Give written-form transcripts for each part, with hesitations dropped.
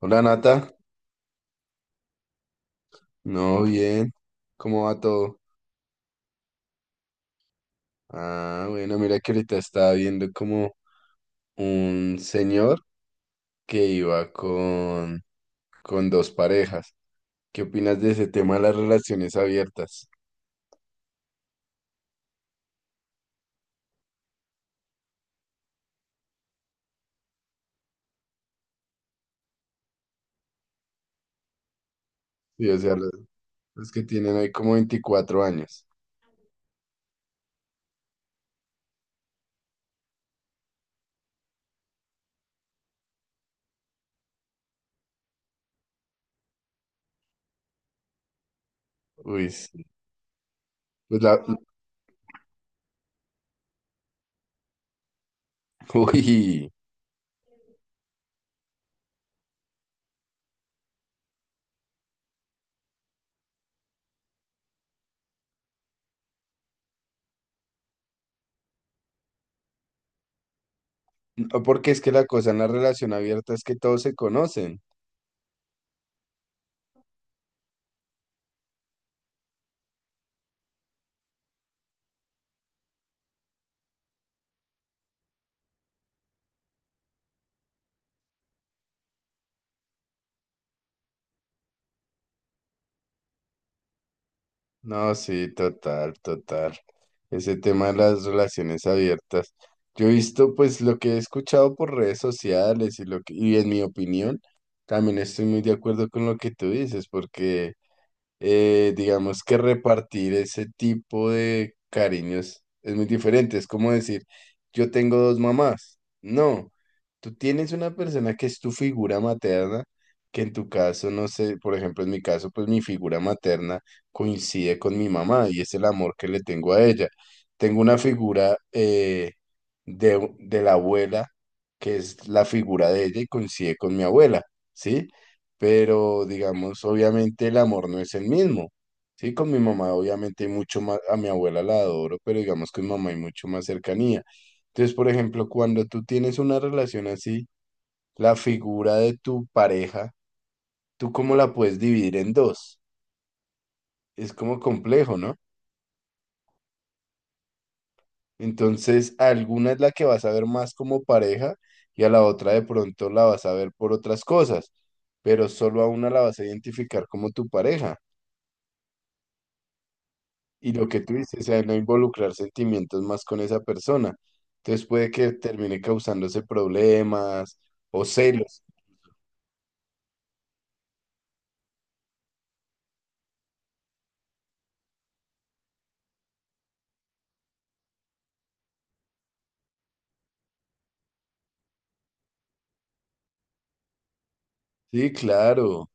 Hola Nata, no, bien, ¿cómo va todo? Ah, bueno, mira que ahorita estaba viendo como un señor que iba con dos parejas. ¿Qué opinas de ese tema de las relaciones abiertas? Sí, o sea, los que tienen ahí como 24 años. Uy, sí. Pues la, uy, no, porque es que la cosa en la relación abierta es que todos se conocen. No, sí, total, total. Ese tema de las relaciones abiertas. Yo he visto, pues, lo que he escuchado por redes sociales y y en mi opinión, también estoy muy de acuerdo con lo que tú dices, porque digamos que repartir ese tipo de cariños es muy diferente. Es como decir, yo tengo dos mamás. No, tú tienes una persona que es tu figura materna, que en tu caso, no sé, por ejemplo, en mi caso, pues mi figura materna coincide con mi mamá y es el amor que le tengo a ella. Tengo una figura de la abuela, que es la figura de ella y coincide con mi abuela, ¿sí? Pero digamos, obviamente el amor no es el mismo. Sí, con mi mamá obviamente hay mucho más, a mi abuela la adoro, pero digamos que mi mamá hay mucho más cercanía. Entonces, por ejemplo, cuando tú tienes una relación así, la figura de tu pareja, ¿tú cómo la puedes dividir en dos? Es como complejo, ¿no? Entonces, alguna es la que vas a ver más como pareja y a la otra de pronto la vas a ver por otras cosas, pero solo a una la vas a identificar como tu pareja. Y lo que tú dices, o sea, no involucrar sentimientos más con esa persona. Entonces puede que termine causándose problemas o celos. Sí, claro.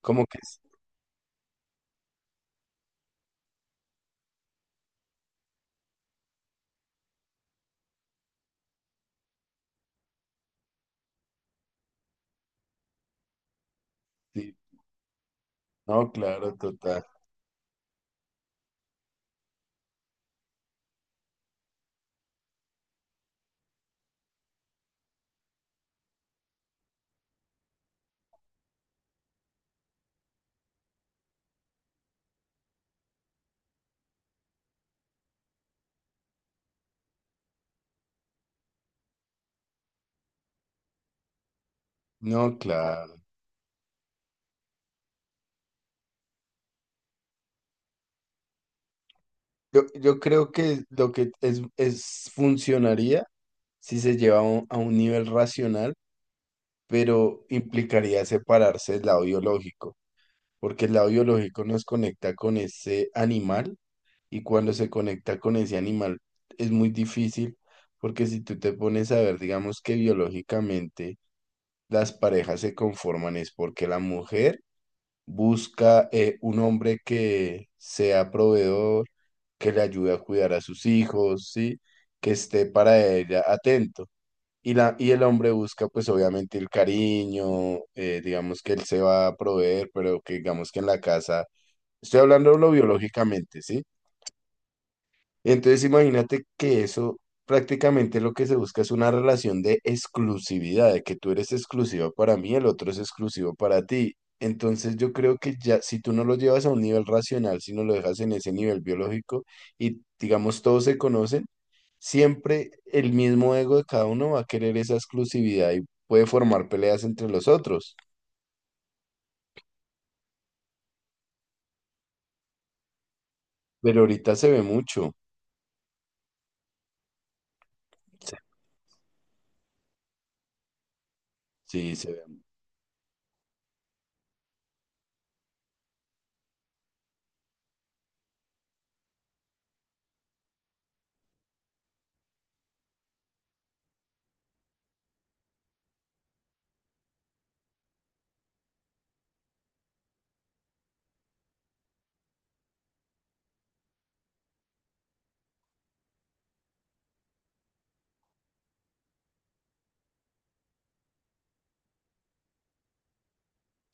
Como que sí. No, claro, total. No, claro. Yo creo que es funcionaría si se lleva a un nivel racional, pero implicaría separarse del lado biológico, porque el lado biológico nos conecta con ese animal y cuando se conecta con ese animal es muy difícil porque si tú te pones a ver, digamos que biológicamente las parejas se conforman es porque la mujer busca un hombre que sea proveedor, que le ayude a cuidar a sus hijos, ¿sí? Que esté para ella atento. Y, y el hombre busca pues obviamente el cariño, digamos que él se va a proveer, pero que digamos que en la casa, estoy hablando biológicamente, ¿sí? Entonces imagínate que eso prácticamente lo que se busca es una relación de exclusividad, de que tú eres exclusiva para mí, el otro es exclusivo para ti. Entonces yo creo que ya si tú no lo llevas a un nivel racional, si no lo dejas en ese nivel biológico y digamos todos se conocen, siempre el mismo ego de cada uno va a querer esa exclusividad y puede formar peleas entre los otros. Pero ahorita se ve mucho. Sí, se ve.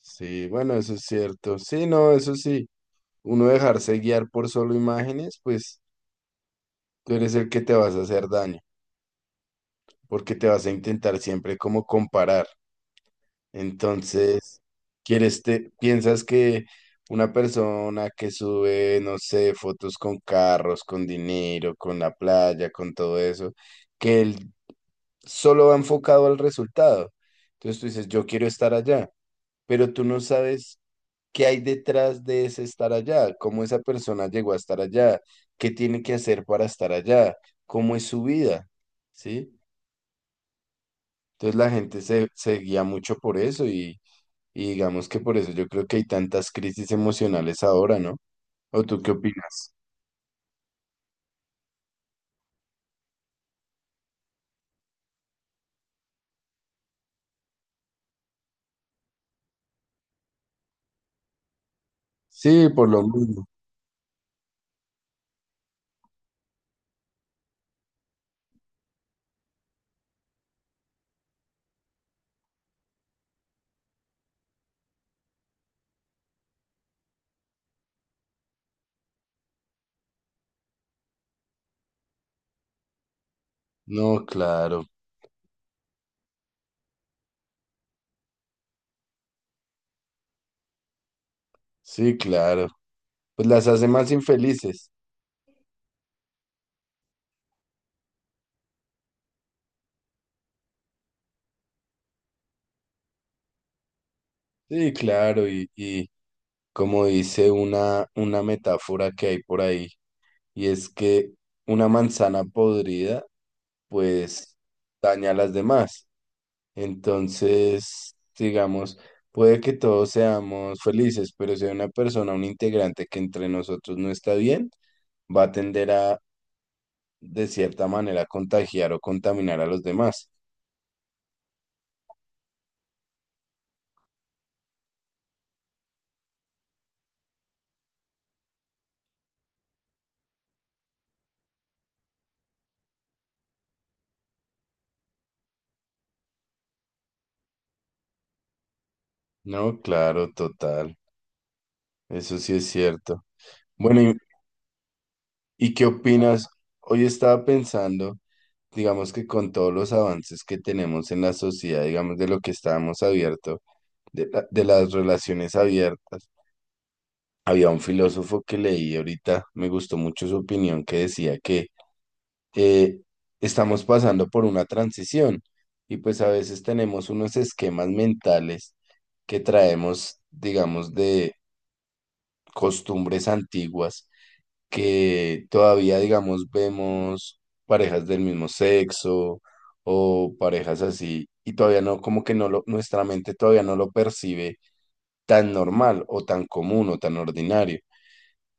Sí, bueno, eso es cierto. Sí, no, eso sí. Uno dejarse guiar por solo imágenes, pues tú eres el que te vas a hacer daño, porque te vas a intentar siempre como comparar. Entonces, piensas que una persona que sube, no sé, fotos con carros, con dinero, con la playa, con todo eso, que él solo va enfocado al resultado. Entonces tú dices, yo quiero estar allá, pero tú no sabes, ¿qué hay detrás de ese estar allá? ¿Cómo esa persona llegó a estar allá? ¿Qué tiene que hacer para estar allá? ¿Cómo es su vida? ¿Sí? Entonces la gente se guía mucho por eso y digamos que por eso yo creo que hay tantas crisis emocionales ahora, ¿no? ¿O tú qué opinas? Sí, por lo mismo. No, claro. Sí, claro. Pues las hace más infelices. Sí, claro. Y como dice una metáfora que hay por ahí, y es que una manzana podrida pues daña a las demás. Entonces, digamos, puede que todos seamos felices, pero si hay una persona, un integrante que entre nosotros no está bien, va a tender a, de cierta manera, contagiar o contaminar a los demás. No, claro, total. Eso sí es cierto. Bueno, y qué opinas? Hoy estaba pensando, digamos que con todos los avances que tenemos en la sociedad, digamos de lo que estábamos abierto, de las relaciones abiertas. Había un filósofo que leí ahorita, me gustó mucho su opinión, que decía que eh, estamos pasando por una transición y pues a veces tenemos unos esquemas mentales que traemos, digamos, de costumbres antiguas, que todavía, digamos, vemos parejas del mismo sexo o parejas así y todavía no, como que no lo, nuestra mente todavía no lo percibe tan normal o tan común o tan ordinario.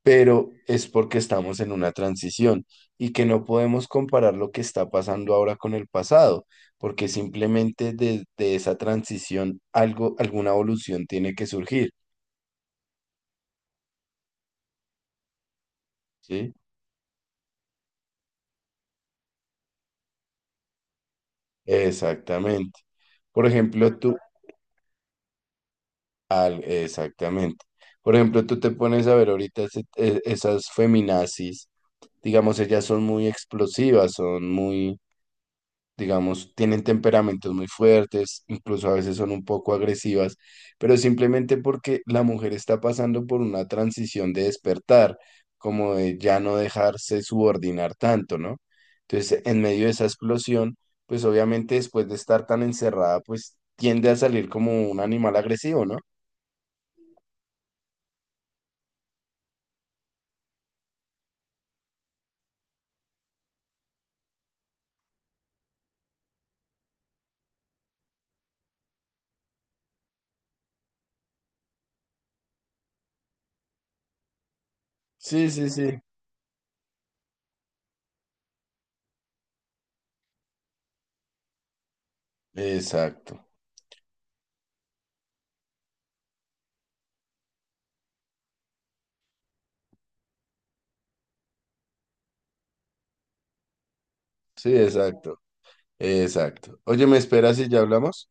Pero es porque estamos en una transición y que no podemos comparar lo que está pasando ahora con el pasado, porque simplemente desde esa transición alguna evolución tiene que surgir, ¿sí? Exactamente. Por ejemplo, exactamente. Por ejemplo, tú te pones a ver ahorita esas feminazis, digamos, ellas son muy explosivas, son muy, digamos, tienen temperamentos muy fuertes, incluso a veces son un poco agresivas, pero simplemente porque la mujer está pasando por una transición de despertar, como de ya no dejarse subordinar tanto, ¿no? Entonces, en medio de esa explosión, pues obviamente después de estar tan encerrada, pues tiende a salir como un animal agresivo, ¿no? Sí, sí, sí. Exacto. Sí, exacto. Exacto. Oye, ¿me esperas y ya hablamos?